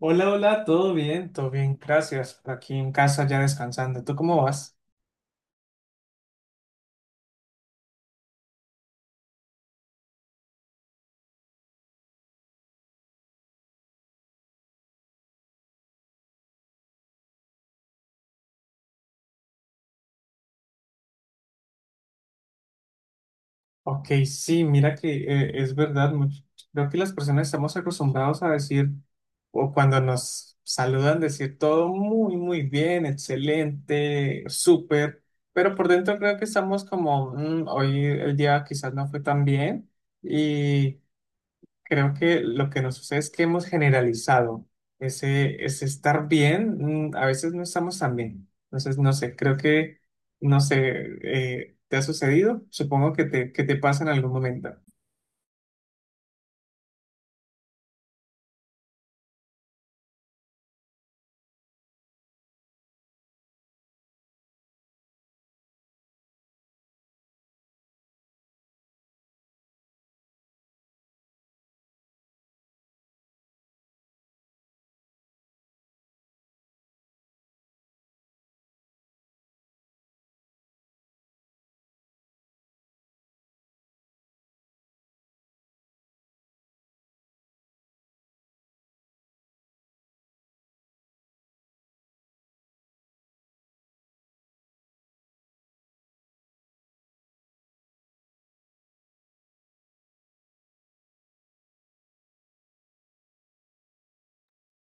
Hola, hola, todo bien, gracias. Aquí en casa ya descansando. ¿Tú cómo vas? Ok, sí, mira que es verdad, creo que las personas estamos acostumbrados a decir, o cuando nos saludan, decir todo muy, muy bien, excelente, súper, pero por dentro creo que estamos como, "Mm, hoy el día quizás no fue tan bien". Creo que lo que nos sucede es que hemos generalizado ese estar bien, a veces no estamos tan bien. Entonces, no sé, no sé, ¿te ha sucedido? Supongo que te pasa en algún momento.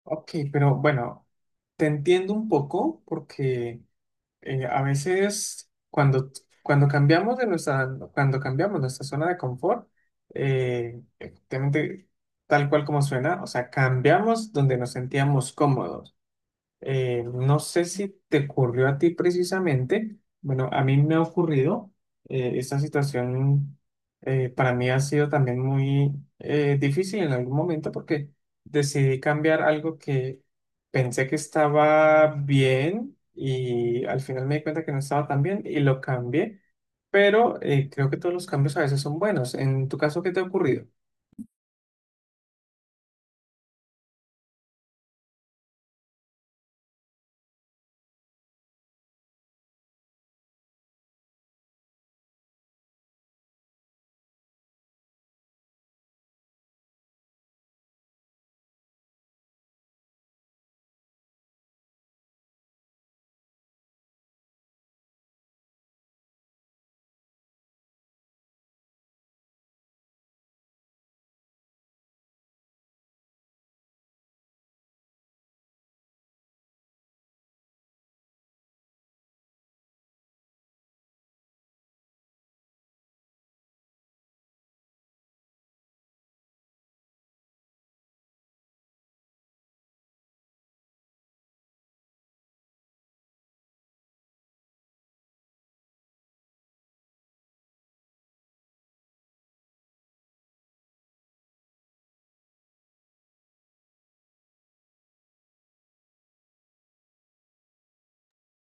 Ok, pero bueno, te entiendo un poco porque a veces cuando cuando cambiamos nuestra zona de confort, efectivamente, tal cual como suena, o sea, cambiamos donde nos sentíamos cómodos. No sé si te ocurrió a ti precisamente. Bueno, a mí me ha ocurrido. Esta situación, para mí ha sido también muy difícil en algún momento, porque decidí cambiar algo que pensé que estaba bien y al final me di cuenta que no estaba tan bien y lo cambié. Pero creo que todos los cambios a veces son buenos. En tu caso, ¿qué te ha ocurrido?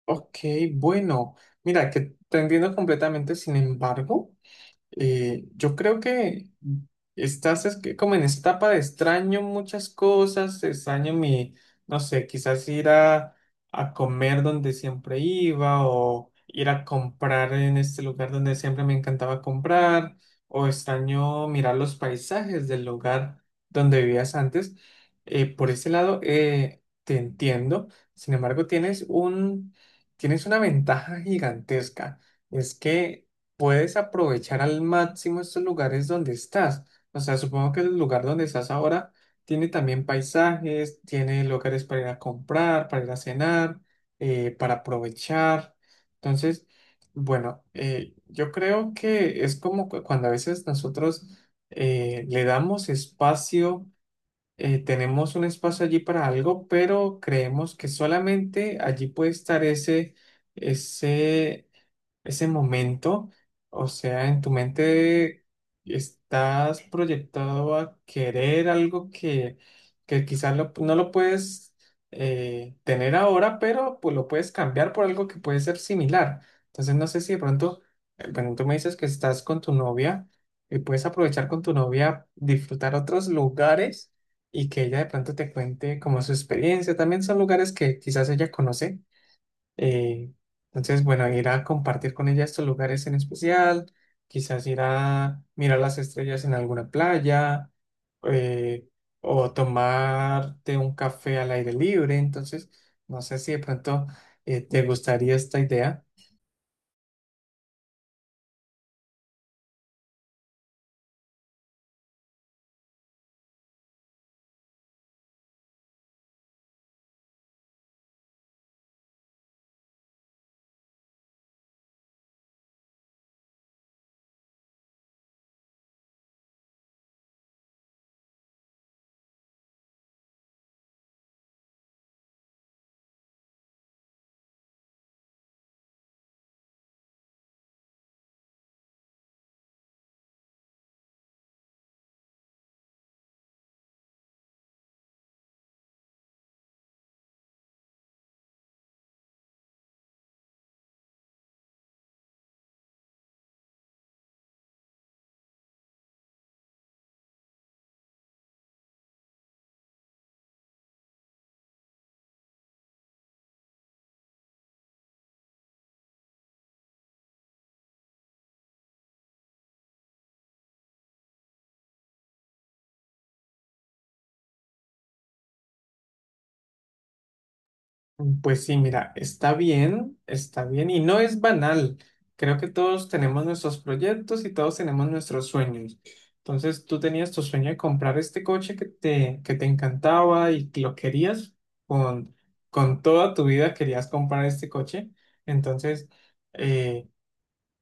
Ok, bueno, mira, que te entiendo completamente, sin embargo. Yo creo que estás es que como en esta etapa de extraño muchas cosas, extraño mi, no sé, quizás ir a comer donde siempre iba, o ir a comprar en este lugar donde siempre me encantaba comprar, o extraño mirar los paisajes del lugar donde vivías antes. Por ese lado, te entiendo. Sin embargo, tienes una ventaja gigantesca. Es que puedes aprovechar al máximo estos lugares donde estás. O sea, supongo que el lugar donde estás ahora tiene también paisajes, tiene lugares para ir a comprar, para ir a cenar, para aprovechar. Entonces, bueno, yo creo que es como cuando a veces nosotros le damos espacio, tenemos un espacio allí para algo, pero creemos que solamente allí puede estar ese ese momento. O sea, en tu mente estás proyectado a querer algo que quizás no lo puedes tener ahora, pero pues lo puedes cambiar por algo que puede ser similar. Entonces, no sé si de pronto, bueno, tú me dices que estás con tu novia y puedes aprovechar con tu novia, disfrutar otros lugares, y que ella de pronto te cuente como su experiencia. También son lugares que quizás ella conoce. eh, entonces, bueno, ir a compartir con ella estos lugares en especial, quizás ir a mirar las estrellas en alguna playa, eh, o tomarte un café al aire libre. Entonces, no sé si de pronto te gustaría esta idea. Pues sí, mira, está bien y no es banal. Creo que todos tenemos nuestros proyectos y todos tenemos nuestros sueños. Entonces, tú tenías tu sueño de comprar este coche que te encantaba y que lo querías con, con toda tu vida, querías comprar este coche. Entonces, eh,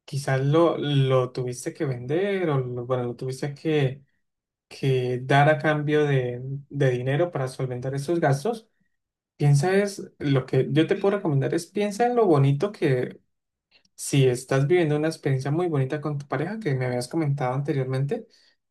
quizás lo tuviste que vender o bueno, lo tuviste que dar a cambio de dinero para solventar esos gastos. Piensa, es lo que yo te puedo recomendar, es piensa en lo bonito que, si estás viviendo una experiencia muy bonita con tu pareja que me habías comentado anteriormente,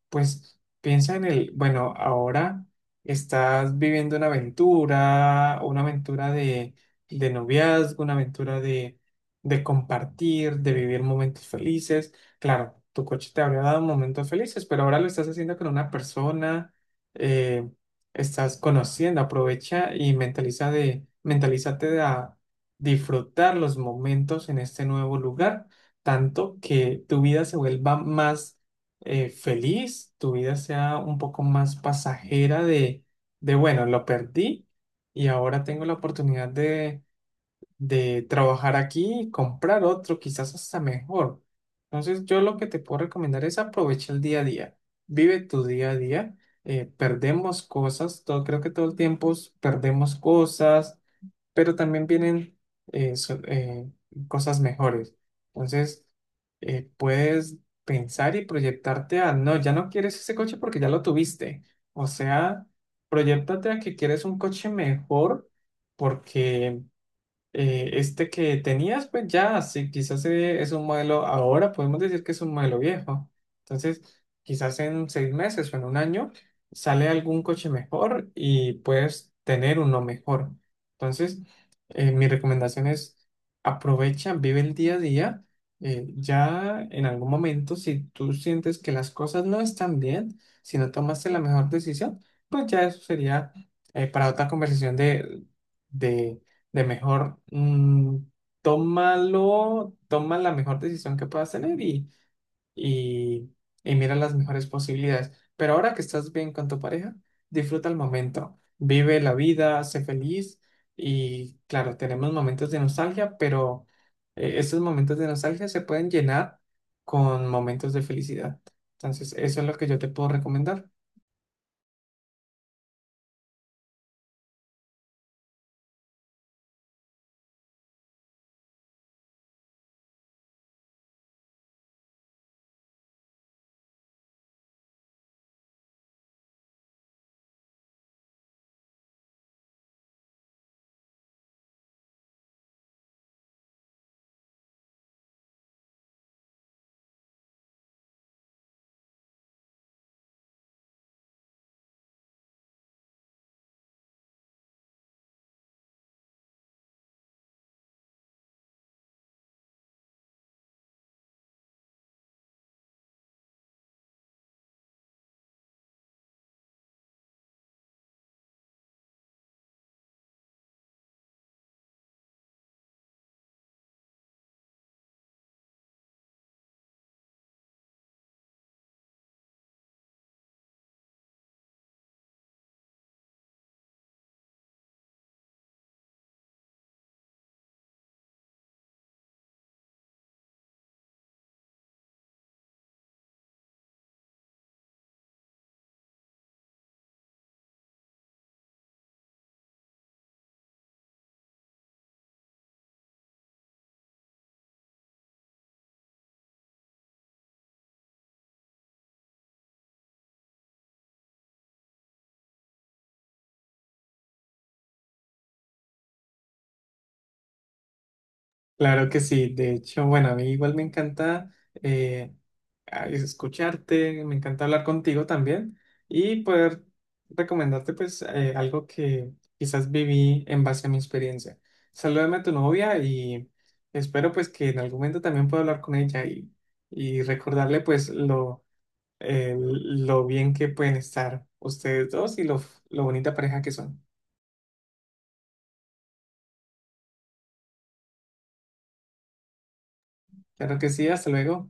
pues piensa en el, bueno, ahora estás viviendo una aventura de noviazgo, una aventura de compartir, de vivir momentos felices. Claro, tu coche te habría dado momentos felices, pero ahora lo estás haciendo con una persona, eh, estás conociendo, aprovecha y mentalízate disfrutar los momentos en este nuevo lugar, tanto que tu vida se vuelva más feliz, tu vida sea un poco más pasajera de, bueno, lo perdí y ahora tengo la oportunidad de trabajar aquí y comprar otro, quizás hasta mejor. Entonces, yo lo que te puedo recomendar es aprovecha el día a día, vive tu día a día. Perdemos cosas, todo, creo que todo el tiempo perdemos cosas, pero también vienen eh, so- eh, cosas mejores. Entonces, puedes pensar y proyectarte a, no, ya no quieres ese coche porque ya lo tuviste. O sea, proyectate a que quieres un coche mejor, porque este que tenías, pues ya, sí, quizás es un modelo, ahora podemos decir que es un modelo viejo. Entonces, quizás en seis meses o en un año sale algún coche mejor y puedes tener uno mejor. Entonces, mi recomendación es aprovecha, vive el día a día. Ya en algún momento, si tú sientes que las cosas no están bien, si no tomaste la mejor decisión, pues ya eso sería para otra conversación de de mejor. Tómalo, toma la mejor decisión que puedas tener y, y mira las mejores posibilidades. Pero ahora que estás bien con tu pareja, disfruta el momento, vive la vida, sé feliz, y claro, tenemos momentos de nostalgia, pero estos momentos de nostalgia se pueden llenar con momentos de felicidad. Entonces, eso es lo que yo te puedo recomendar. Claro que sí, de hecho, bueno, a mí igual me encanta eh, escucharte, me encanta hablar contigo también y poder recomendarte pues algo que quizás viví en base a mi experiencia. Salúdame a tu novia y espero pues que en algún momento también pueda hablar con ella y recordarle pues lo bien que pueden estar ustedes dos y lo bonita pareja que son. Claro que sí, hasta luego.